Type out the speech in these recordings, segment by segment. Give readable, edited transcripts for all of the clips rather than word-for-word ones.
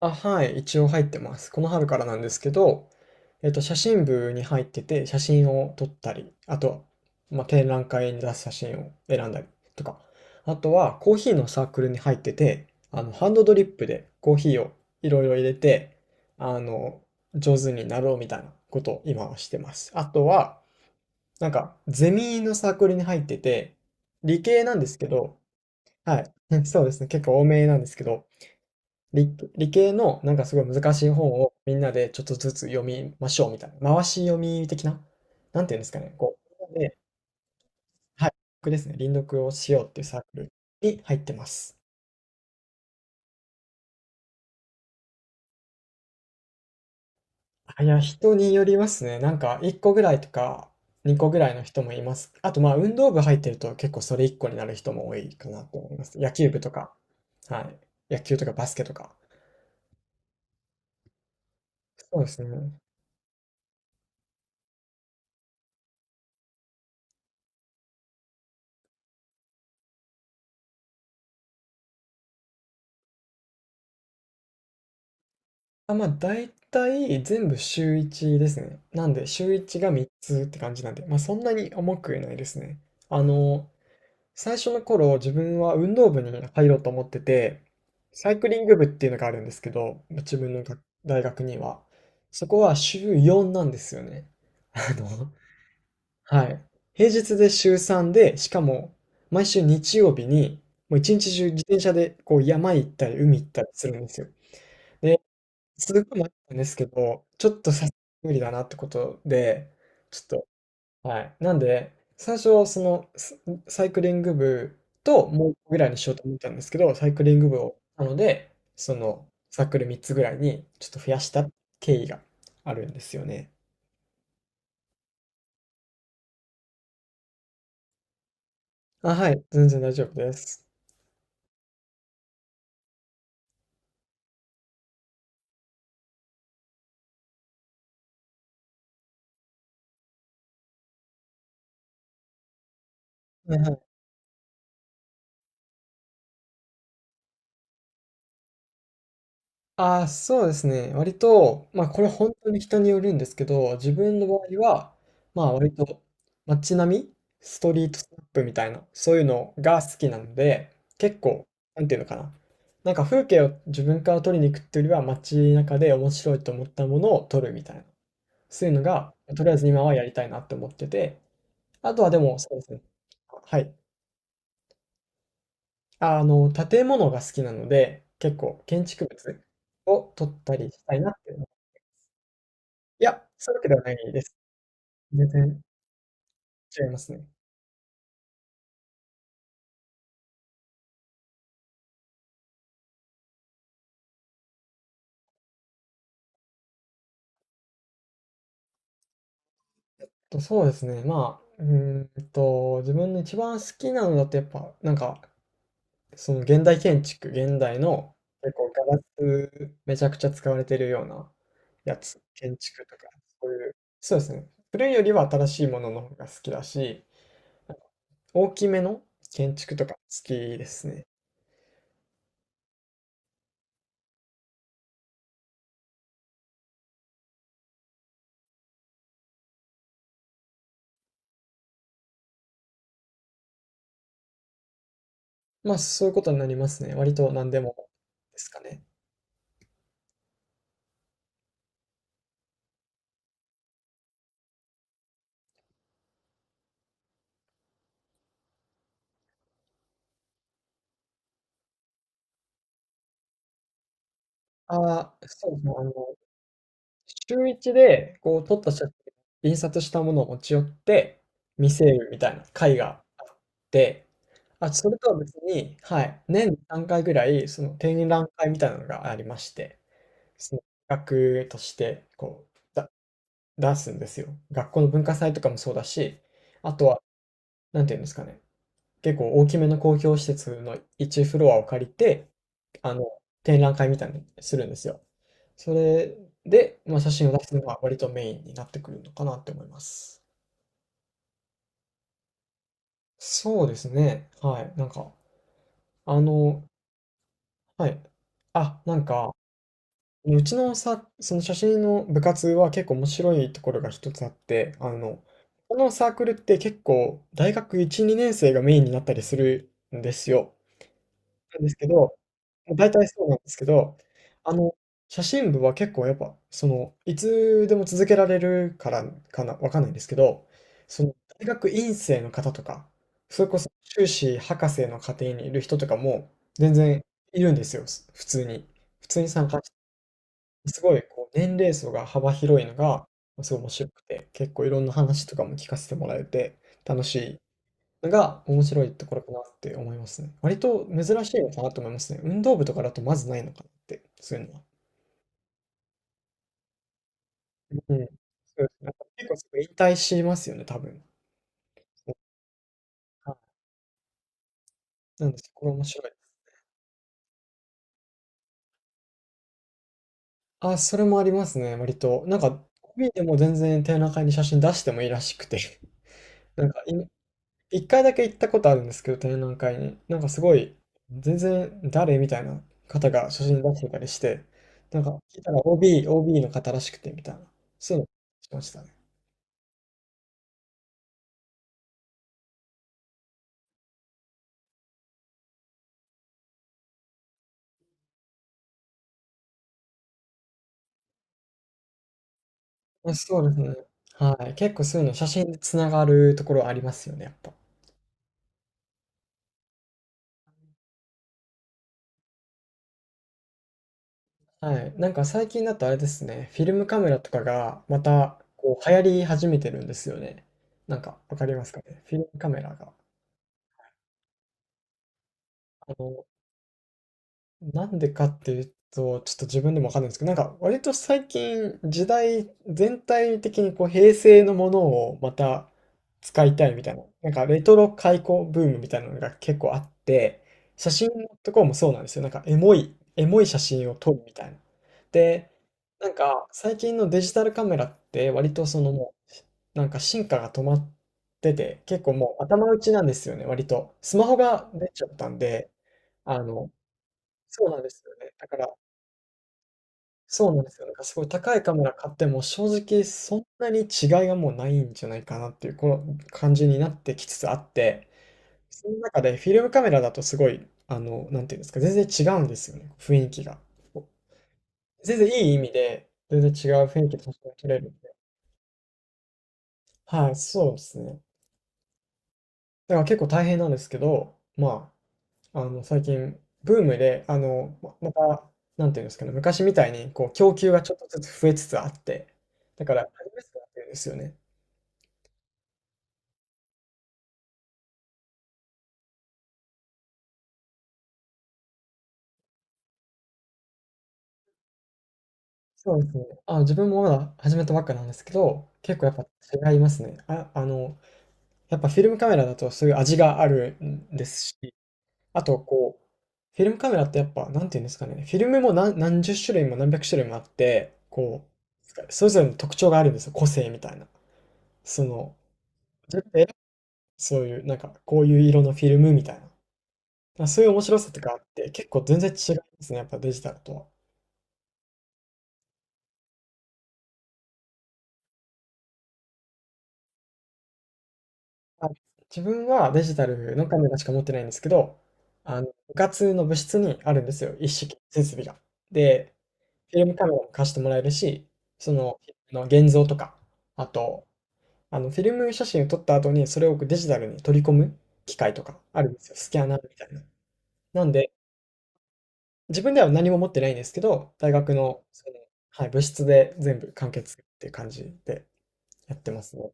あ、はい、一応入ってます。この春からなんですけど、写真部に入ってて、写真を撮ったり、あとは、まあ、展覧会に出す写真を選んだりとか、あとはコーヒーのサークルに入ってて、ハンドドリップでコーヒーをいろいろ入れて、あの、上手になろうみたいなことを今はしてます。あとは、なんか、ゼミのサークルに入ってて、理系なんですけど、はい、そうですね、結構多めなんですけど、理系のなんかすごい難しい本をみんなでちょっとずつ読みましょうみたいな。回し読み的な、なんていうんですかね。こう、で、はい、僕ですね。輪読をしようっていうサークルに入ってます。あ、いや、人によりますね。なんか1個ぐらいとか2個ぐらいの人もいます。あとまあ運動部入ってると結構それ1個になる人も多いかなと思います。野球部とか、はい。野球とかバスケとか。そうですね。あ、まあ、大体全部週1ですね。なんで、週1が3つって感じなんで、まあ、そんなに重くないですね。あの、最初の頃、自分は運動部に入ろうと思ってて、サイクリング部っていうのがあるんですけど、自分の学大学には。そこは週4なんですよね。あの、はい。平日で週3で、しかも、毎週日曜日に、もう一日中自転車でこう山行ったり海行ったりするんですよ。すごい迷ったんですけど、ちょっとさすがに無理だなってことで、ちょっと、はい。なんで、最初、その、スサイクリング部ともう1個ぐらいにしようと思ったんですけど、サイクリング部を、なので、その、サークル3つぐらいにちょっと増やした経緯があるんですよね。あ、はい、全然大丈夫です。はいはい。ああ、そうですね。割と、まあこれ本当に人によるんですけど、自分の場合は、まあ割と街並み、ストリートスナップみたいな、そういうのが好きなので、結構、なんていうのかな。なんか風景を自分から撮りに行くっていうよりは街中で面白いと思ったものを撮るみたいな。そういうのが、とりあえず今はやりたいなって思ってて、あとはでも、そうですね。はい。あの、建物が好きなので、結構建築物を撮ったりしたいなっていや、そういうわけではないです。全然違いますね。と、そうですね、まあ、うーんと、自分の一番好きなのだとやっぱ、なんか、その現代建築、現代の結構ガラスめちゃくちゃ使われてるようなやつ、建築とか、そういう、そうですね。古いよりは新しいものの方が好きだし、大きめの建築とか好きですね。まあ、そういうことになりますね。割と何でもですかね。ああ、そうですね、週一で、こう撮った写真印刷したものを持ち寄って見せるみたいな会があって、あ、それとは別に、はい、年に3回ぐらい、その展覧会みたいなのがありまして、その企画として、こう、だ出すんですよ。学校の文化祭とかもそうだし、あとは、なんていうんですかね、結構大きめの公共施設の1フロアを借りて、あの、展覧会みたいにするんですよ。それで、まあ、写真を出すのが割とメインになってくるのかなって思います。そうですね。はい。なんか、あの、はい。あ、なんか、うちのさ、その写真の部活は結構面白いところが一つあって、このサークルって結構大学1、2年生がメインになったりするんですよ。なんですけど、まあ大体そうなんですけど、あの、写真部は結構やっぱ、その、いつでも続けられるからかな、わかんないんですけど、その、大学院生の方とか、それこそ修士博士の家庭にいる人とかも、全然いるんですよ、す普通に。普通に参加して、すごいこう年齢層が幅広いのが、すごい面白くて、結構いろんな話とかも聞かせてもらえて、楽しいが面白いところかなって思いますね。割と珍しいのかなと思いますね。運動部とかだとまずないのかなって、そういうのは。うん。そうですね。なんか結構すぐ引退しますよね、多分。はい。なんでそこが面白い。あ、それもありますね、割と。なんか、OB でも全然展覧会に写真出してもいいらしくて。なんか、い1回だけ行ったことあるんですけど、展覧会に。なんかすごい、全然誰みたいな方が写真出してたりして、なんか聞いたらOB の方らしくてみたいな、そういうのしましたね。あ、そうですね。はい。結構そういうの写真でつながるところありますよね、やっぱ。はい。なんか最近だとあれですね、フィルムカメラとかがまたこう流行り始めてるんですよね。なんかわかりますかね。フィルムカメラが。あのなんでかっていうと、ちょっと自分でもわかんないんですけど、なんか割と最近時代全体的にこう平成のものをまた使いたいみたいな、なんかレトロ開古ブームみたいなのが結構あって、写真のところもそうなんですよ。なんかエモい写真を撮るみたいな。で、なんか最近のデジタルカメラって割とそのもう、なんか進化が止まってて、結構もう頭打ちなんですよね、割と。スマホが出ちゃったんで、あの、そうなんですよね。だから、そうなんですよ。なんかすごい高いカメラ買っても、正直そんなに違いがもうないんじゃないかなっていう、この感じになってきつつあって、その中でフィルムカメラだとすごい、あの、なんていうんですか、全然違うんですよね、雰囲気が。全然いい意味で、全然違う雰囲気で写真が撮れるんで。はい、そうですね。だから結構大変なんですけど、まあ、あの、最近、ブームで、また、なんていうんですかね、昔みたいに、こう、供給がちょっとずつ増えつつあって、だから、始めやすくなってるんですよね。そうですね。あ、自分もまだ始めたばっかなんですけど、結構やっぱ違いますね。やっぱフィルムカメラだとそういう味があるんですし、あとこう、フィルムカメラってやっぱ、なんていうんですかね、フィルムも何十種類も何百種類もあって、こう、それぞれの特徴があるんですよ、個性みたいな。その、自分でそういう、なんか、こういう色のフィルムみたいな。まあ、そういう面白さとかあって、結構全然違いますね、やっぱデジタルとは。あ、自分はデジタルのカメラしか持ってないんですけど、部活の部室にあるんですよ、一式設備が。で、フィルムカメラも貸してもらえるし、その、フィルムの現像とか、あと、フィルム写真を撮った後に、それをデジタルに取り込む機械とかあるんですよ、スキャナーみたいな。なんで、自分では何も持ってないんですけど、大学の、その、はい、部室で全部完結っていう感じでやってますね。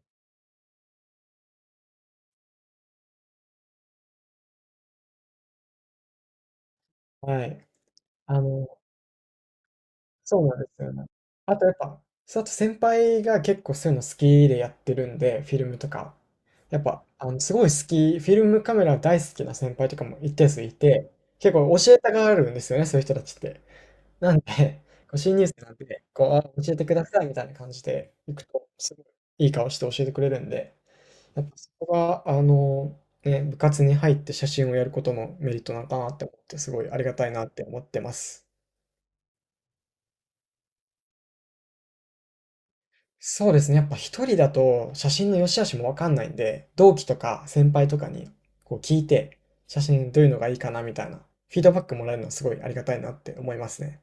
はい。あの、そうなんですよね。あとやっぱ、そうあと先輩が結構そういうの好きでやってるんで、フィルムとか。やっぱ、すごい好き、フィルムカメラ大好きな先輩とかも一定数いて、結構教えたがるんですよね、そういう人たちって。なんで、こう新入生なんで、こう、あ教えてくださいみたいな感じで行くと、すごいいい顔して教えてくれるんで、やっぱそこが、あの、ね、部活に入って写真をやることのメリットなのかなって思って、すごいありがたいなって思ってます。そうですね。やっぱ一人だと写真の良し悪しもわかんないんで、同期とか先輩とかにこう聞いて、写真どういうのがいいかなみたいなフィードバックもらえるのはすごいありがたいなって思いますね。